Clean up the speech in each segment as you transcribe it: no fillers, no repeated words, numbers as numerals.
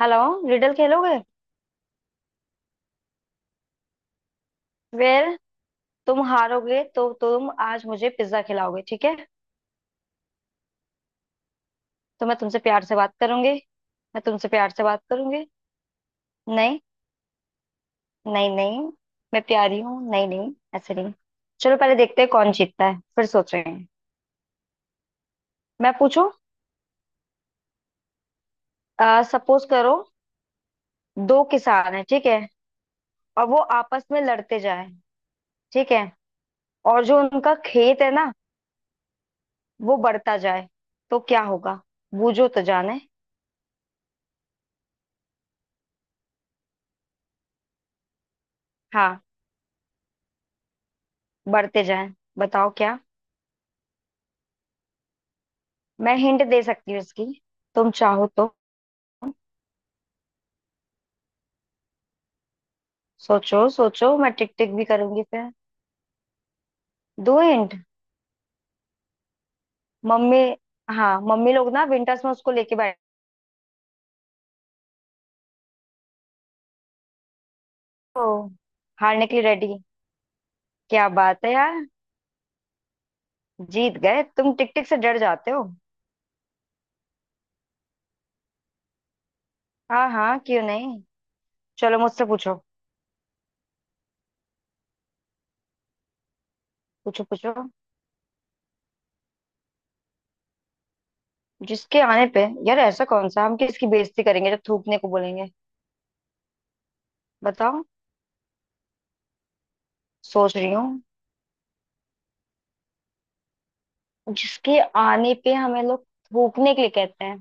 Hello. Riddle खेलोगे? वेर, तुम हारोगे तो तुम आज मुझे पिज्जा खिलाओगे, ठीक है? तो मैं तुमसे प्यार से बात करूंगी। मैं तुमसे प्यार से बात करूंगी। नहीं। नहीं नहीं। मैं प्यारी हूँ, नहीं नहीं ऐसे नहीं। चलो पहले देखते हैं कौन जीतता है, फिर सोच रहे हैं। मैं पूछूं? सपोज करो, दो किसान है, ठीक है? और वो आपस में लड़ते जाए। ठीक है। और जो उनका खेत है ना, वो बढ़ता जाए। तो क्या होगा? बूझो तो जाने। हाँ, बढ़ते जाए। बताओ क्या। मैं हिंट दे सकती हूँ इसकी, तुम चाहो तो। सोचो सोचो, मैं टिक टिक भी करूंगी फिर। दो हिंट। मम्मी। हाँ मम्मी लोग ना विंटर्स में उसको लेके बैठे। तो हारने के लिए रेडी? क्या बात है यार। जीत गए, तुम टिक टिक से डर जाते हो। हाँ हाँ, क्यों नहीं। चलो मुझसे पूछो। पूछो पूछो। जिसके आने पे, यार ऐसा कौन सा हम किसकी बेइज्जती करेंगे जब थूकने को बोलेंगे। बताओ। सोच रही हूँ। जिसके आने पे हमें लोग थूकने के लिए कहते हैं।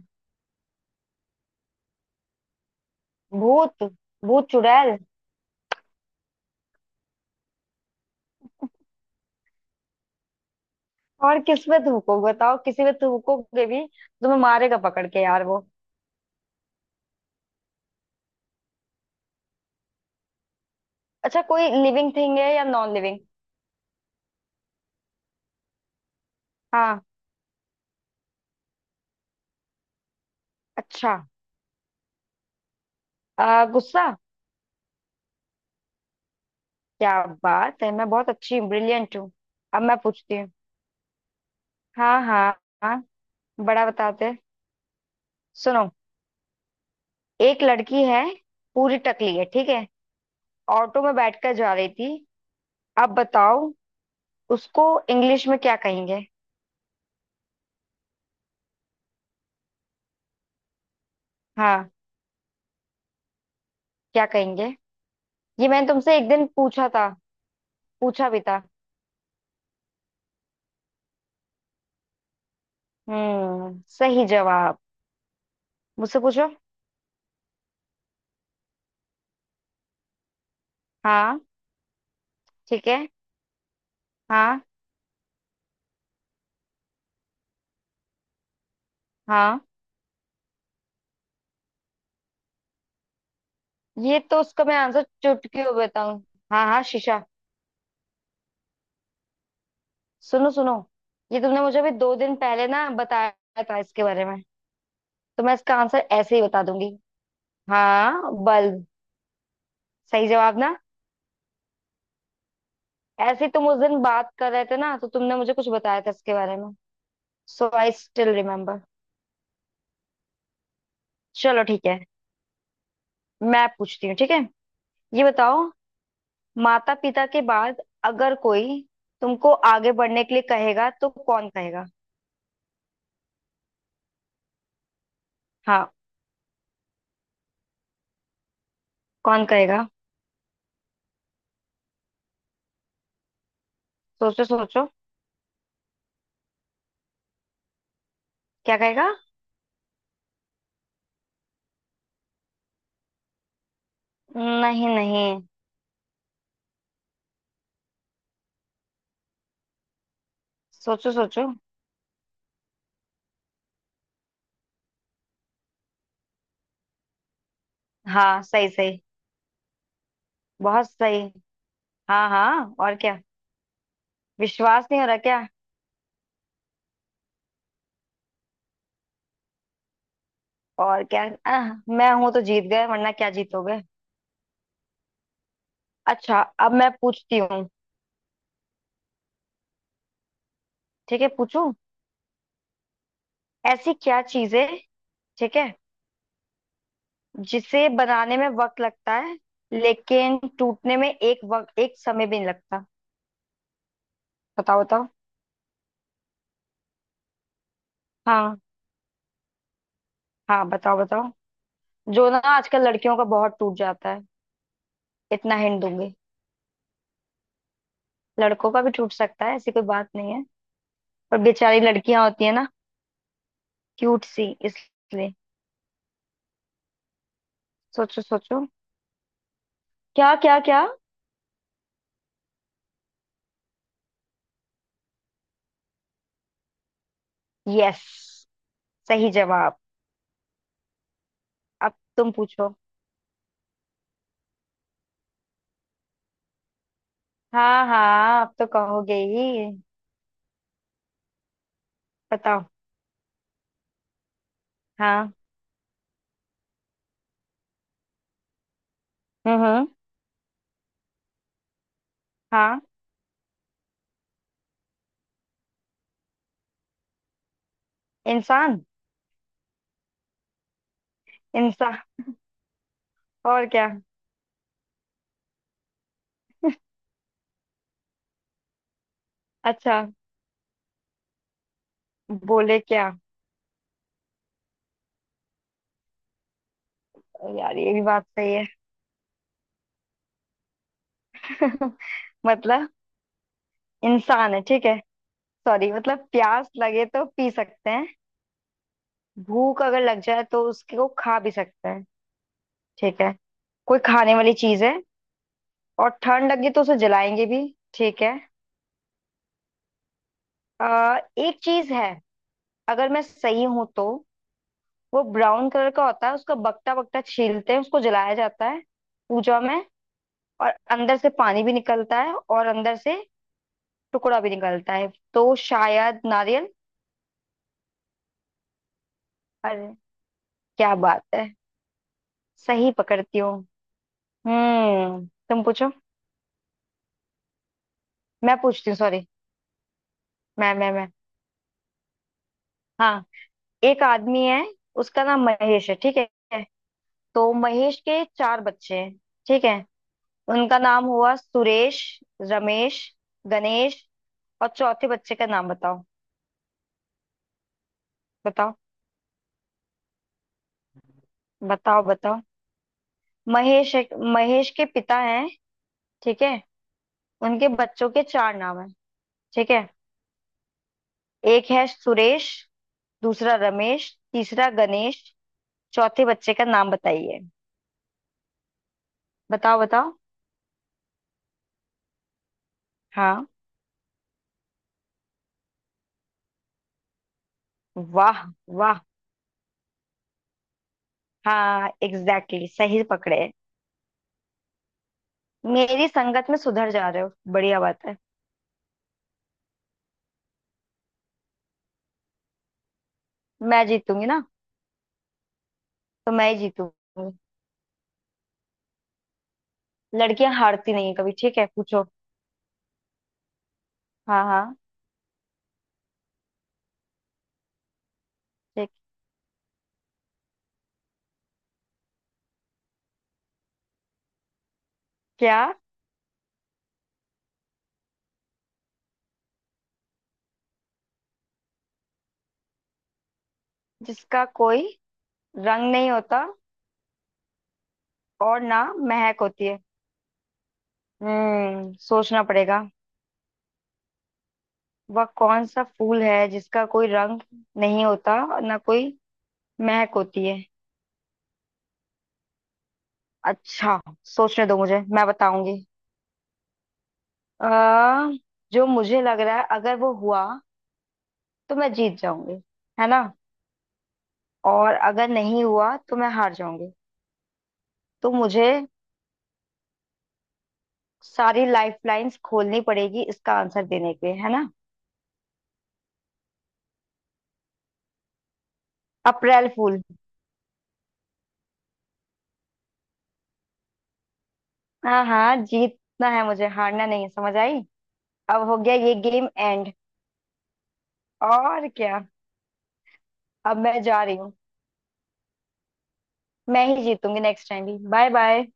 भूत। भूत चुड़ैल। और किस पे थूको बताओ, किसी पे थूकोगे भी? तुम्हें मारेगा पकड़ के यार वो। अच्छा कोई लिविंग थिंग है या नॉन लिविंग? हाँ। अच्छा। गुस्सा। क्या बात है, मैं बहुत अच्छी ब्रिलियंट हूँ। अब मैं पूछती हूँ। हाँ हाँ। हाँ बड़ा बताते। सुनो, एक लड़की है, पूरी टकली है, ठीक है? ऑटो में बैठकर जा रही थी। अब बताओ, उसको इंग्लिश में क्या कहेंगे? हाँ क्या कहेंगे? ये मैंने तुमसे एक दिन पूछा था। पूछा भी था। हम्म, सही जवाब। मुझसे पूछो। हाँ। ठीक है। हाँ। हाँ, ये तो उसका मैं आंसर चुटकियों में बताऊं। हाँ हाँ, शीशा। सुनो सुनो, ये तुमने मुझे अभी 2 दिन पहले ना बताया था इसके बारे में। तो मैं इसका आंसर ऐसे ही बता दूंगी। हाँ बल्ब। सही जवाब ना। ऐसे ही तुम उस दिन बात कर रहे थे ना, तो तुमने मुझे कुछ बताया था इसके बारे में। So I still remember. चलो ठीक है। मैं पूछती हूँ, ठीक है? ये बताओ, माता पिता के बाद अगर कोई तुमको आगे बढ़ने के लिए कहेगा तो कौन कहेगा? हाँ। कौन कहेगा? सोचो सोचो। क्या कहेगा? नहीं नहीं। सोचो सोचो। हाँ सही सही। बहुत सही। हाँ हाँ, और क्या। विश्वास नहीं हो रहा क्या? और क्या। मैं हूं तो जीत गए, वरना क्या जीतोगे। अच्छा। अब मैं पूछती हूँ। ठीक है पूछू। ऐसी क्या चीज है, ठीक है, जिसे बनाने में वक्त लगता है लेकिन टूटने में एक वक्त एक समय भी नहीं लगता। बताओ बताओ। हाँ हाँ बताओ बताओ। जो ना आजकल लड़कियों का बहुत टूट जाता है, इतना हिंट दूंगी। लड़कों का भी टूट सकता है, ऐसी कोई बात नहीं है। पर बेचारी लड़कियां होती है ना, क्यूट सी, इसलिए। सोचो सोचो। क्या क्या क्या। यस, सही जवाब। अब तुम पूछो। हाँ हाँ, अब तो कहोगे ही। बताओ। हाँ। हम्म। हाँ। इंसान। इंसान, और क्या। अच्छा, बोले क्या। यार ये भी बात सही है। मतलब, इंसान है, ठीक है? सॉरी, मतलब प्यास लगे तो पी सकते हैं, भूख अगर लग जाए तो उसको खा भी सकते हैं, ठीक है? कोई खाने वाली चीज है, और ठंड लगी तो उसे जलाएंगे भी। ठीक है। एक चीज है, अगर मैं सही हूं तो। वो ब्राउन कलर का होता है, उसका बकटा बकटा छीलते हैं, उसको जलाया जाता है पूजा में, और अंदर से पानी भी निकलता है और अंदर से टुकड़ा भी निकलता है। तो शायद नारियल। अरे, क्या बात है। सही पकड़ती हूँ। हम्म, तुम पूछो। मैं पूछती हूँ, सॉरी। मैं। हाँ, एक आदमी है, उसका नाम महेश है, ठीक है? तो महेश के चार बच्चे हैं, ठीक है? उनका नाम हुआ सुरेश, रमेश, गणेश, और चौथे बच्चे का नाम बताओ। बताओ बताओ बताओ। महेश है- महेश के पिता हैं, ठीक है? उनके बच्चों के चार नाम है, ठीक है? एक है सुरेश, दूसरा रमेश, तीसरा गणेश। चौथे बच्चे का नाम बताइए। बताओ बताओ। हाँ। वाह वाह। हाँ एग्जैक्टली exactly, सही पकड़े। मेरी संगत में सुधर जा रहे हो, बढ़िया बात है। मैं जीतूंगी ना? तो मैं ही जीतूंगी। लड़कियां हारती नहीं है कभी, ठीक है पूछो। हाँ हाँ। ठीक। क्या? जिसका कोई रंग नहीं होता और ना महक होती है। हम्म, सोचना पड़ेगा। वह कौन सा फूल है जिसका कोई रंग नहीं होता और ना कोई महक होती है? अच्छा, सोचने दो मुझे, मैं बताऊंगी। अ जो मुझे लग रहा है, अगर वो हुआ तो मैं जीत जाऊंगी, है ना? और अगर नहीं हुआ तो मैं हार जाऊंगी। तो मुझे सारी लाइफलाइंस खोलनी पड़ेगी इसका आंसर देने के लिए, है ना? अप्रैल फूल। हाँ हाँ, जीतना है मुझे, हारना नहीं है, समझ आई। अब हो गया ये गेम एंड, और क्या। अब मैं जा रही हूँ। मैं ही जीतूंगी नेक्स्ट टाइम भी। Bye bye.